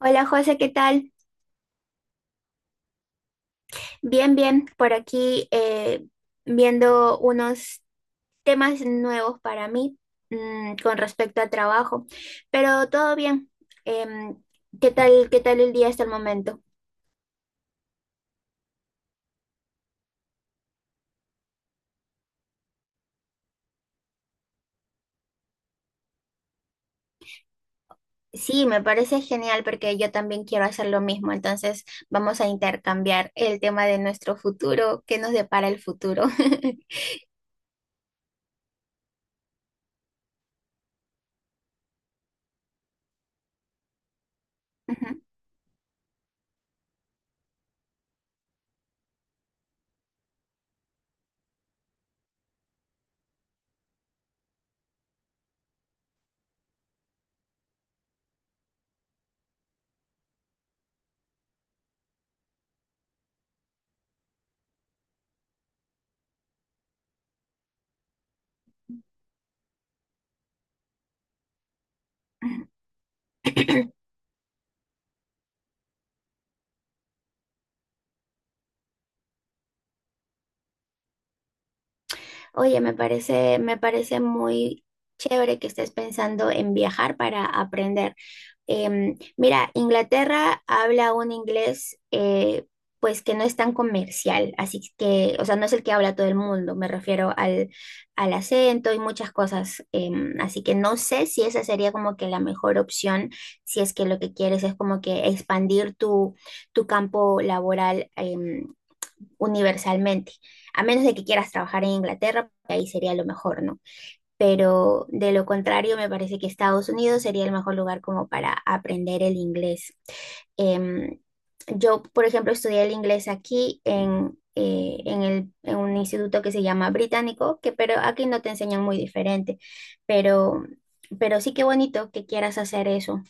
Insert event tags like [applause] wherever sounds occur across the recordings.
Hola José, ¿qué tal? Bien, bien, por aquí viendo unos temas nuevos para mí con respecto a trabajo, pero todo bien. Em, qué tal el día hasta el momento? Sí, me parece genial porque yo también quiero hacer lo mismo, entonces vamos a intercambiar el tema de nuestro futuro, qué nos depara el futuro. [laughs] Ujú. [clears throat] Oye, me parece muy chévere que estés pensando en viajar para aprender. Mira, Inglaterra habla un inglés pues que no es tan comercial, así que, o sea, no es el que habla todo el mundo, me refiero al acento y muchas cosas, así que no sé si esa sería como que la mejor opción, si es que lo que quieres es como que expandir tu campo laboral universalmente, a menos de que quieras trabajar en Inglaterra, ahí sería lo mejor, ¿no? Pero de lo contrario me parece que Estados Unidos sería el mejor lugar como para aprender el inglés. Em, yo, por ejemplo, estudié el inglés aquí en un instituto que se llama Británico, que pero aquí no te enseñan muy diferente, pero, pero sí que bonito que quieras hacer eso.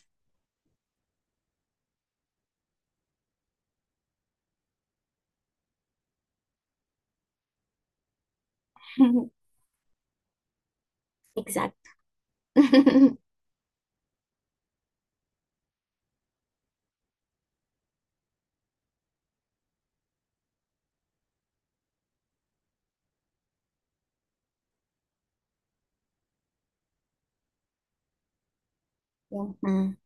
[laughs] Exacto. [laughs] Ujú.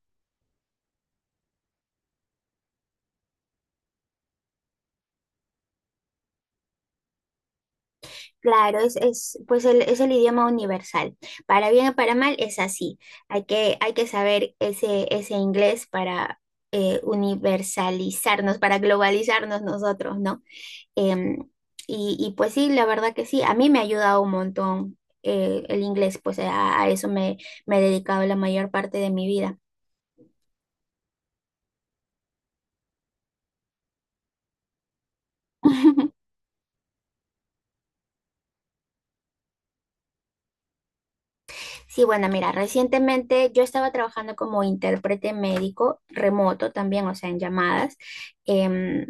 Claro, es el idioma universal. Para bien o para mal es así. Hay que saber ese inglés para universalizarnos, para globalizarnos nosotros, ¿no? Em, y pues sí, la verdad que sí, a mí me ha ayudado un montón el inglés, pues a eso me he dedicado la mayor parte de mi vida. [laughs] Sí, bueno, mira, recientemente yo estaba trabajando como intérprete médico remoto también, o sea, en llamadas, em,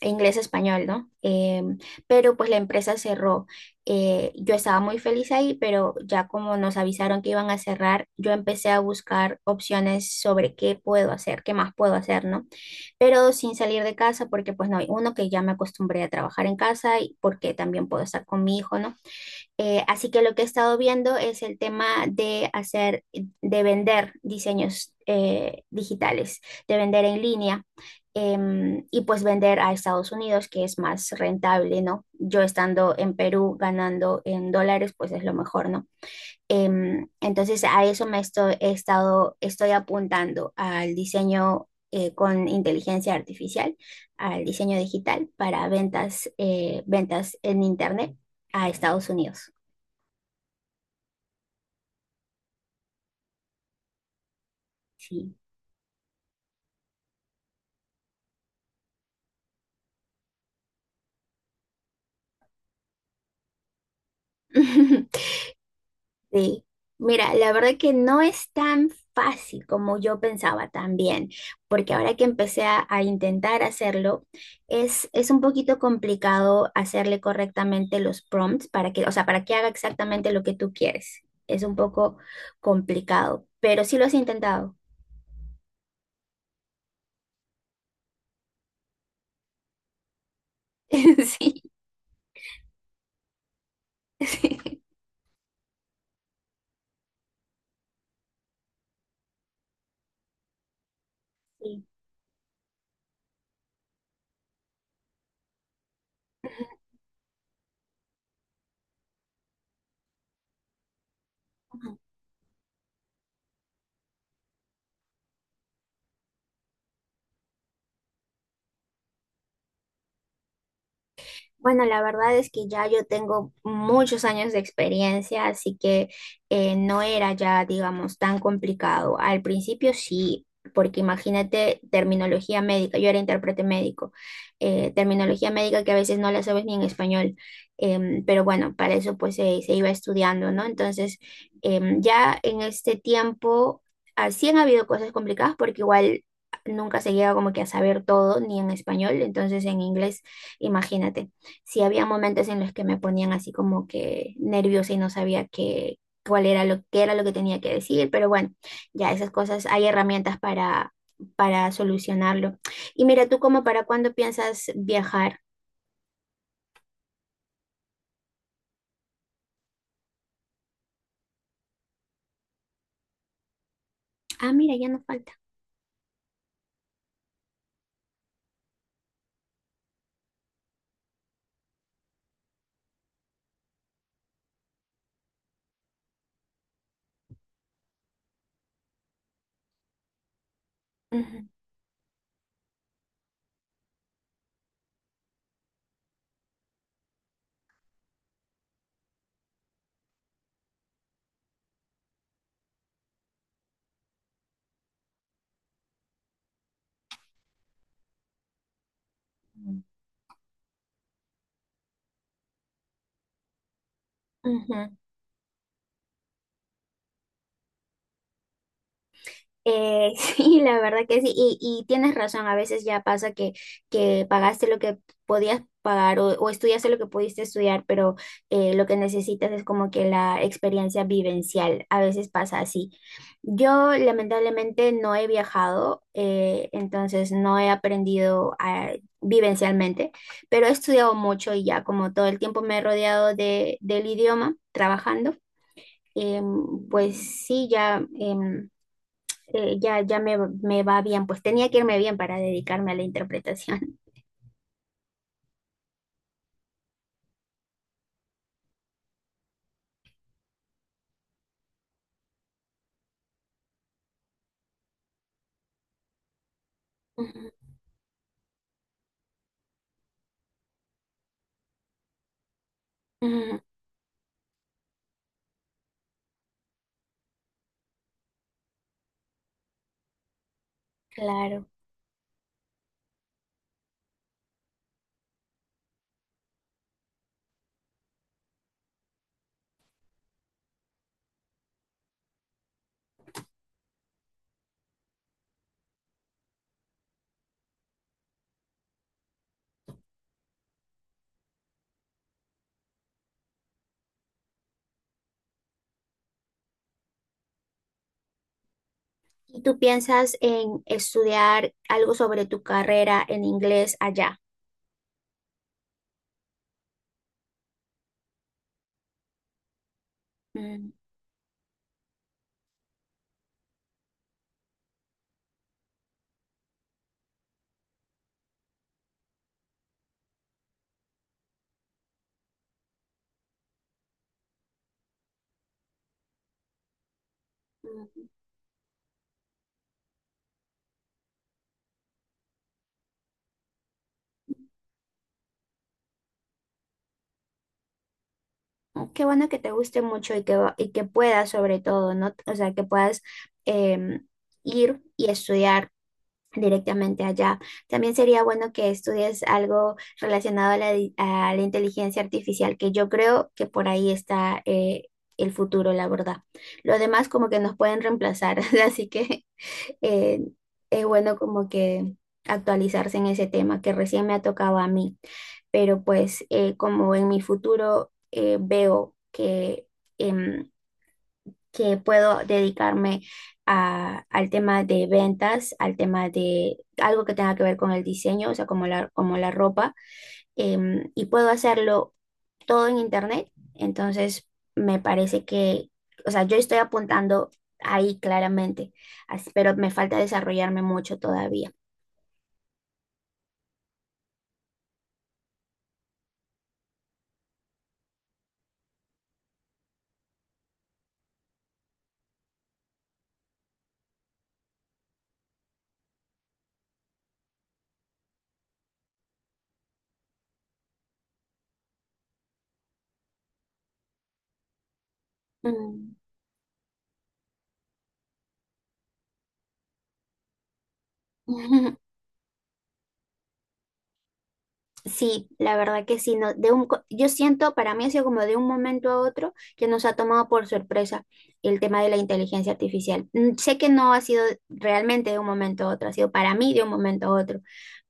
inglés-español, ¿no? Pero pues la empresa cerró. Yo estaba muy feliz ahí, pero ya como nos avisaron que iban a cerrar, yo empecé a buscar opciones sobre qué puedo hacer, qué más puedo hacer, ¿no? Pero sin salir de casa, porque pues no, uno que ya me acostumbré a trabajar en casa y porque también puedo estar con mi hijo, ¿no? Así que lo que he estado viendo es el tema de vender diseños digitales, de vender en línea y pues vender a Estados Unidos, que es más rentable, ¿no? Yo estando en Perú ganando en dólares, pues es lo mejor, ¿no? Entonces a eso me estoy, he estado, estoy apuntando al diseño con inteligencia artificial, al diseño digital para ventas, ventas en Internet a Estados Unidos. Sí. [laughs] Sí. Mira, la verdad que no es tan fácil como yo pensaba también, porque ahora que empecé a intentar hacerlo, es un poquito complicado hacerle correctamente los prompts para que, o sea, para que haga exactamente lo que tú quieres. Es un poco complicado, pero sí lo has intentado. [laughs] Sí, sí. Sí. Bueno, la verdad es que ya yo tengo muchos años de experiencia, así que no era ya, digamos, tan complicado. Al principio sí, porque imagínate terminología médica, yo era intérprete médico, terminología médica que a veces no la sabes ni en español, pero bueno, para eso pues se iba estudiando, ¿no? Entonces, ya en este tiempo, así han habido cosas complicadas porque igual. Nunca se llega como que a saber todo, ni en español, entonces en inglés, imagínate sí había momentos en los que me ponían así como que nerviosa y no sabía qué era lo que tenía que decir, pero bueno, ya esas cosas, hay herramientas para solucionarlo. Y mira, tú como para cuándo piensas viajar. Ah, mira, ya no falta. Ujú, ujú. [laughs] Sí, la verdad que sí, y tienes razón, a veces ya pasa que pagaste lo que podías pagar o estudiaste lo que pudiste estudiar, pero lo que necesitas es como que la experiencia vivencial, a veces pasa así. Yo lamentablemente no he viajado, entonces no he aprendido vivencialmente, pero he estudiado mucho y ya como todo el tiempo me he rodeado del idioma trabajando, pues sí, ya... ya me va bien, pues tenía que irme bien para dedicarme a la interpretación. [laughs] Ujú, ujú. Claro. ¿Y tú piensas en estudiar algo sobre tu carrera en inglés allá? Mm, mm. Qué bueno que te guste mucho y que puedas sobre todo, ¿no? O sea, que puedas em, ir y estudiar directamente allá. También sería bueno que estudies algo relacionado a la inteligencia artificial, que yo creo que por ahí está el futuro, la verdad. Lo demás como que nos pueden reemplazar, [laughs] así que eh, es bueno como que actualizarse en ese tema que recién me ha tocado a mí, pero pues como en mi futuro veo que... em, que puedo dedicarme al tema de ventas, al tema de algo que tenga que ver con el diseño, o sea, como la ropa, y puedo hacerlo todo en internet. Entonces, me parece que, o sea, yo estoy apuntando ahí claramente, pero me falta desarrollarme mucho todavía. Mm. [laughs] Sí, la verdad que sí, no, yo siento, para mí ha sido como de un momento a otro que nos ha tomado por sorpresa el tema de la inteligencia artificial. Sé que no ha sido realmente de un momento a otro, ha sido para mí de un momento a otro,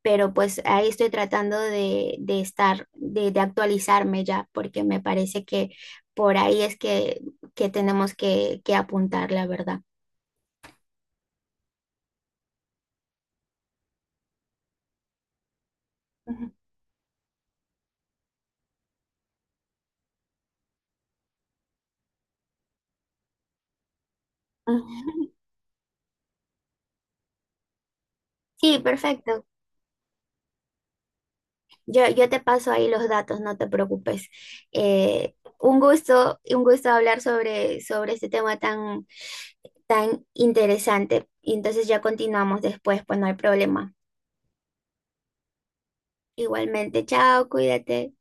pero pues ahí estoy tratando de actualizarme ya, porque me parece que por ahí es que tenemos que apuntar, la verdad. Ujú. [laughs] Sí, perfecto. Yo te paso ahí los datos, no te preocupes. Eh, un gusto, un gusto hablar sobre este tema tan, tan interesante. Y entonces ya continuamos después, pues no hay problema. Igualmente, chao, cuídate.